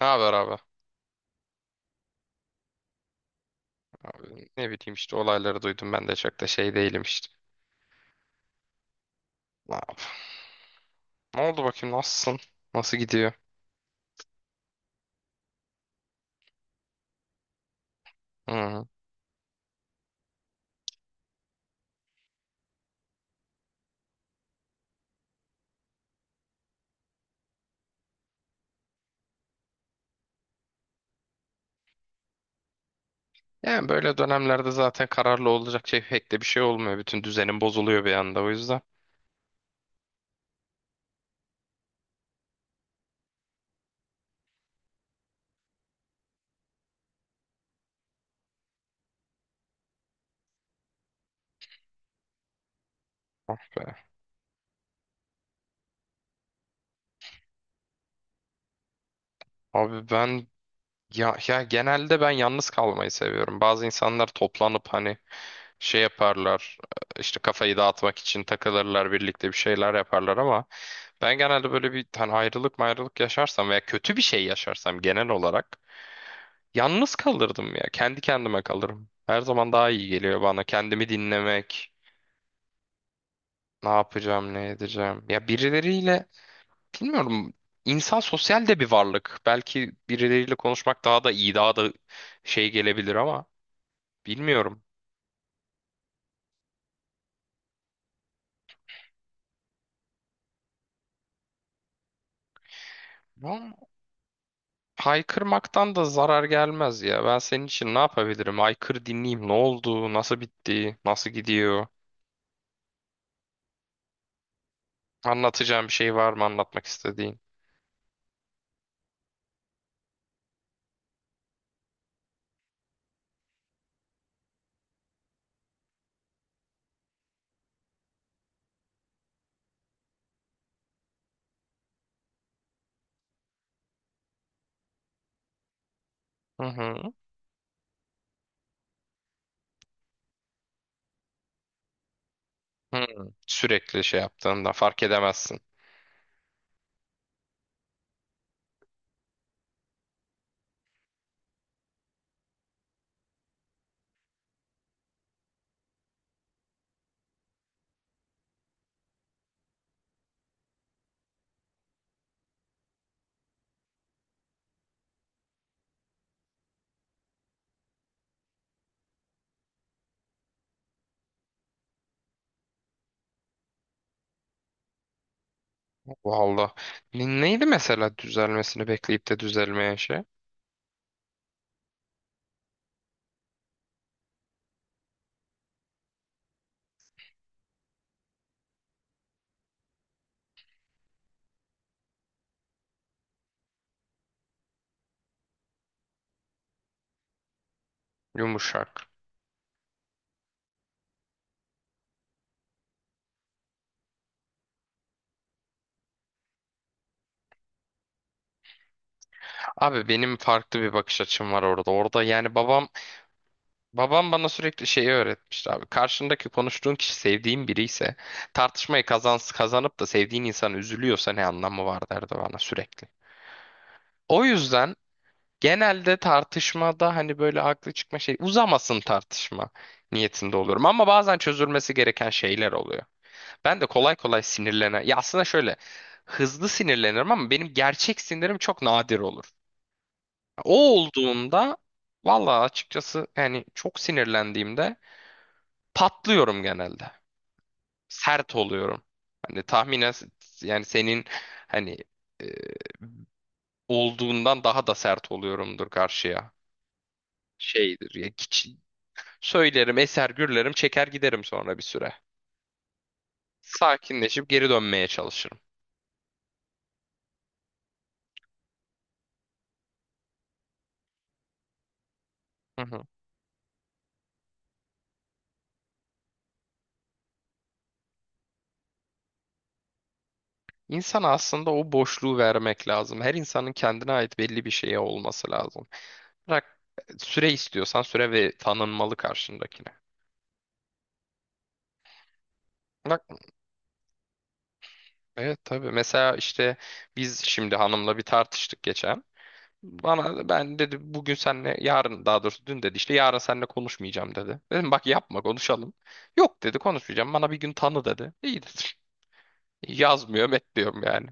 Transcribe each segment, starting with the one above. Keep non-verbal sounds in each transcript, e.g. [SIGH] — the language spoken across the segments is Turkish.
Ne haber abi? Abi ne bileyim işte olayları duydum ben de çok da şey değilim işte. Ne yap- Ne oldu bakayım nasılsın? Nasıl gidiyor? Hı. Yani böyle dönemlerde zaten kararlı olacak şey pek de bir şey olmuyor. Bütün düzenin bozuluyor bir anda o yüzden. Be- Abi ben, ya genelde ben yalnız kalmayı seviyorum. Bazı insanlar toplanıp hani şey yaparlar, işte kafayı dağıtmak için takılırlar, birlikte bir şeyler yaparlar. Ama ben genelde böyle bir hani ayrılık mayrılık yaşarsam veya kötü bir şey yaşarsam genel olarak yalnız kalırdım ya. Kendi kendime kalırım. Her zaman daha iyi geliyor bana. Kendimi dinlemek. Ne yapacağım, ne edeceğim. Ya birileriyle bilmiyorum. İnsan sosyal de bir varlık. Belki birileriyle konuşmak daha da iyi, daha da şey gelebilir ama bilmiyorum. Ama haykırmaktan da zarar gelmez ya. Ben senin için ne yapabilirim? Haykır, dinleyeyim. Ne oldu? Nasıl bitti? Nasıl gidiyor? Anlatacağım bir şey var mı, anlatmak istediğin? Hı hı. Hı. Sürekli şey yaptığında fark edemezsin. Valla. Neydi mesela düzelmesini bekleyip de düzelmeyen şey? Yumuşak. Abi benim farklı bir bakış açım var orada. Orada yani babam bana sürekli şeyi öğretmişti abi. Karşındaki konuştuğun kişi sevdiğin biri ise tartışmayı kazan, kazanıp da sevdiğin insan üzülüyorsa ne anlamı var, derdi bana sürekli. O yüzden genelde tartışmada hani böyle haklı çıkma, şey, uzamasın tartışma niyetinde oluyorum. Ama bazen çözülmesi gereken şeyler oluyor. Ben de kolay kolay sinirlenen. Ya aslında şöyle, hızlı sinirlenirim ama benim gerçek sinirim çok nadir olur. O olduğunda valla açıkçası yani çok sinirlendiğimde patlıyorum genelde. Sert oluyorum. Hani tahminen yani senin hani e, olduğundan daha da sert oluyorumdur karşıya. Şeydir ya, söylerim, eser gürlerim, çeker giderim sonra bir süre. Sakinleşip geri dönmeye çalışırım. Hı hı. İnsana aslında o boşluğu vermek lazım. Her insanın kendine ait belli bir şeye olması lazım. Bırak, süre istiyorsan süre ve tanınmalı karşındakine. Bak, evet tabii. Mesela işte biz şimdi hanımla bir tartıştık geçen. Bana ben dedi bugün senle yarın, daha doğrusu dün dedi, işte yarın seninle konuşmayacağım dedi. Dedim bak yapma, konuşalım. Yok dedi, konuşmayacağım, bana bir gün tanı dedi. İyi dedim. [LAUGHS] Yazmıyor, bekliyorum yani.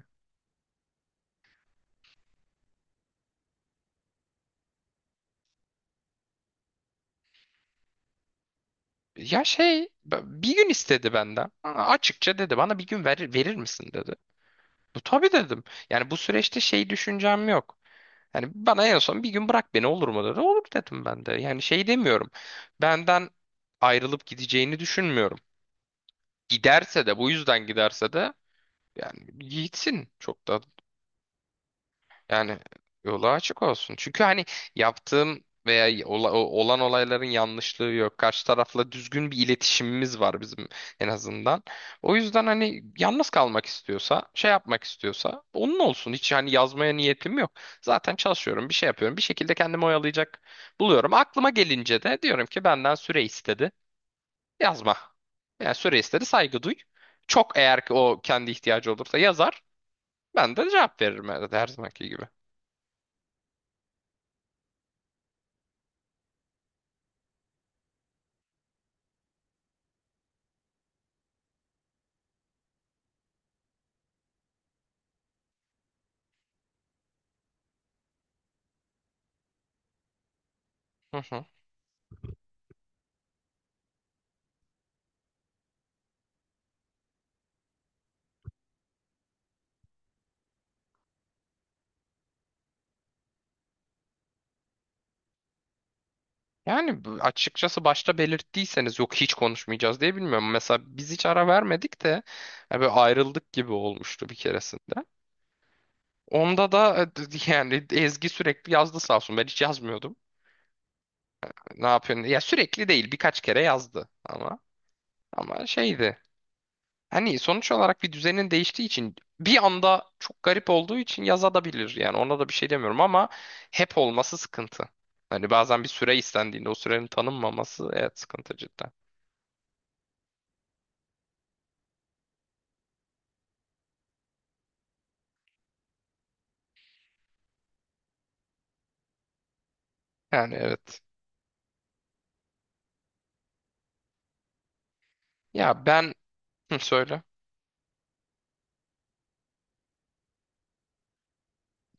Ya şey, bir gün istedi benden. Aa, açıkça dedi bana, bir gün verir misin dedi. Bu tabii dedim. Yani bu süreçte şey düşüncem yok. Yani bana en son bir gün bırak beni olur mu dedi. Olur dedim ben de. Yani şey demiyorum. Benden ayrılıp gideceğini düşünmüyorum. Giderse de, bu yüzden giderse de yani gitsin. Çok da yani yolu açık olsun. Çünkü hani yaptığım veya olan olayların yanlışlığı yok. Karşı tarafla düzgün bir iletişimimiz var bizim en azından. O yüzden hani yalnız kalmak istiyorsa, şey yapmak istiyorsa onun olsun. Hiç hani yazmaya niyetim yok. Zaten çalışıyorum, bir şey yapıyorum. Bir şekilde kendimi oyalayacak buluyorum. Aklıma gelince de diyorum ki benden süre istedi. Yazma. Yani süre istedi, saygı duy. Çok eğer ki o kendi ihtiyacı olursa yazar. Ben de cevap veririm her zamanki gibi. [LAUGHS] Yani bu, açıkçası başta belirttiyseniz yok hiç konuşmayacağız diye bilmiyorum. Mesela biz hiç ara vermedik de ya böyle ayrıldık gibi olmuştu bir keresinde. Onda da yani Ezgi sürekli yazdı sağ olsun. Ben hiç yazmıyordum. Ne yapıyorsun? Ya sürekli değil, birkaç kere yazdı ama, ama şeydi. Hani sonuç olarak bir düzenin değiştiği için, bir anda çok garip olduğu için yazabilir. Yani ona da bir şey demiyorum ama hep olması sıkıntı. Hani bazen bir süre istendiğinde o sürenin tanınmaması, evet, sıkıntı cidden. Yani evet. Ya ben, hı, söyle.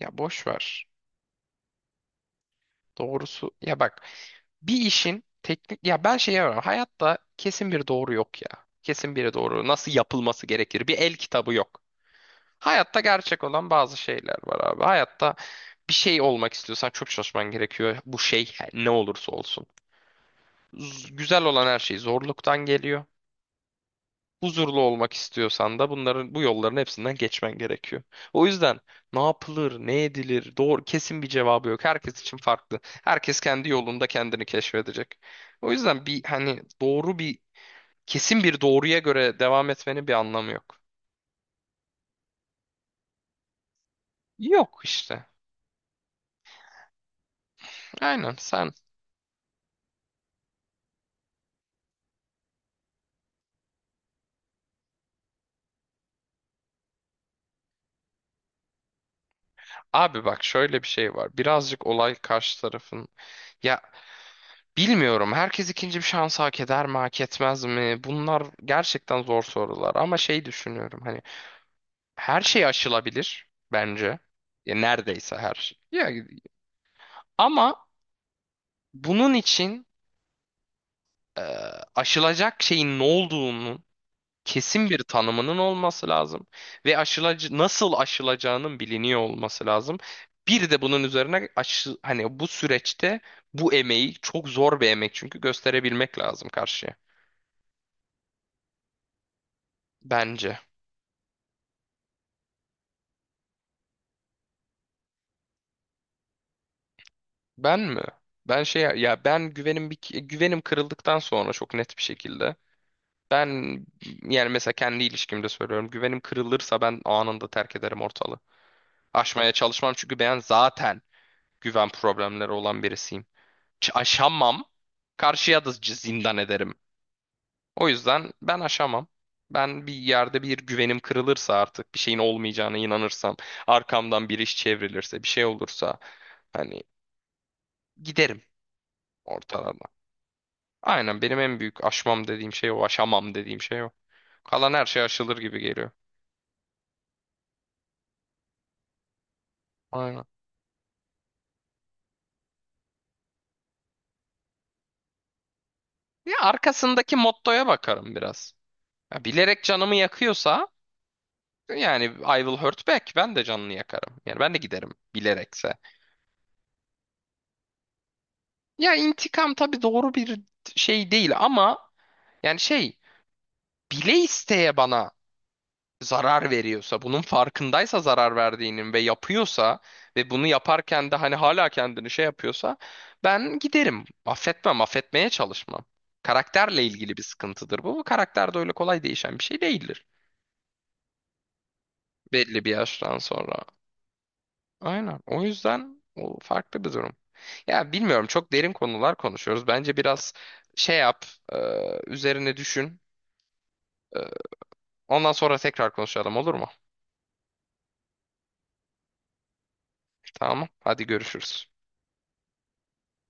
Ya boş ver. Doğrusu ya bak, bir işin teknik, ya ben şey yapıyorum. Hayatta kesin bir doğru yok ya. Kesin bir doğru. Nasıl yapılması gerekir? Bir el kitabı yok. Hayatta gerçek olan bazı şeyler var abi. Hayatta bir şey olmak istiyorsan çok çalışman gerekiyor. Bu şey ne olursa olsun. Güzel olan her şey zorluktan geliyor. Huzurlu olmak istiyorsan da bunların, bu yolların hepsinden geçmen gerekiyor. O yüzden ne yapılır, ne edilir, doğru kesin bir cevabı yok. Herkes için farklı. Herkes kendi yolunda kendini keşfedecek. O yüzden bir hani doğru bir, kesin bir doğruya göre devam etmenin bir anlamı yok. Yok işte. Aynen sen. Abi bak şöyle bir şey var. Birazcık olay karşı tarafın. Ya bilmiyorum. Herkes ikinci bir şans hak eder mi, hak etmez mi? Bunlar gerçekten zor sorular. Ama şey düşünüyorum. Hani her şey aşılabilir bence. Ya neredeyse her şey. Ya, ama bunun için e, aşılacak şeyin ne olduğunun kesin bir tanımının olması lazım ve aşılacı nasıl aşılacağının biliniyor olması lazım. Bir de bunun üzerine aşı, hani bu süreçte bu emeği, çok zor bir emek çünkü, gösterebilmek lazım karşıya. Bence. Ben mi? Ben şey, ya ben güvenim, bir güvenim kırıldıktan sonra çok net bir şekilde. Ben yani mesela kendi ilişkimde söylüyorum. Güvenim kırılırsa ben anında terk ederim ortalığı. Aşmaya çalışmam çünkü ben zaten güven problemleri olan birisiyim. Aşamam. Karşıya da zindan ederim. O yüzden ben aşamam. Ben bir yerde bir güvenim kırılırsa, artık bir şeyin olmayacağına inanırsam, arkamdan bir iş çevrilirse, bir şey olursa hani giderim ortadan. Aynen, benim en büyük aşmam dediğim şey o, aşamam dediğim şey o. Kalan her şey aşılır gibi geliyor. Aynen. Ya arkasındaki mottoya bakarım biraz. Ya bilerek canımı yakıyorsa, yani I will hurt back, ben de canını yakarım. Yani ben de giderim, bilerekse. Ya intikam tabii doğru bir şey değil ama yani şey, bile isteye bana zarar veriyorsa, bunun farkındaysa zarar verdiğinin ve yapıyorsa, ve bunu yaparken de hani hala kendini şey yapıyorsa, ben giderim. Affetmem, affetmeye çalışmam. Karakterle ilgili bir sıkıntıdır bu. Bu karakter de öyle kolay değişen bir şey değildir, belli bir yaştan sonra. Aynen. O yüzden o farklı bir durum. Ya bilmiyorum, çok derin konular konuşuyoruz. Bence biraz şey yap, e, üzerine düşün. E, Ondan sonra tekrar konuşalım, olur mu? Tamam. Hadi görüşürüz.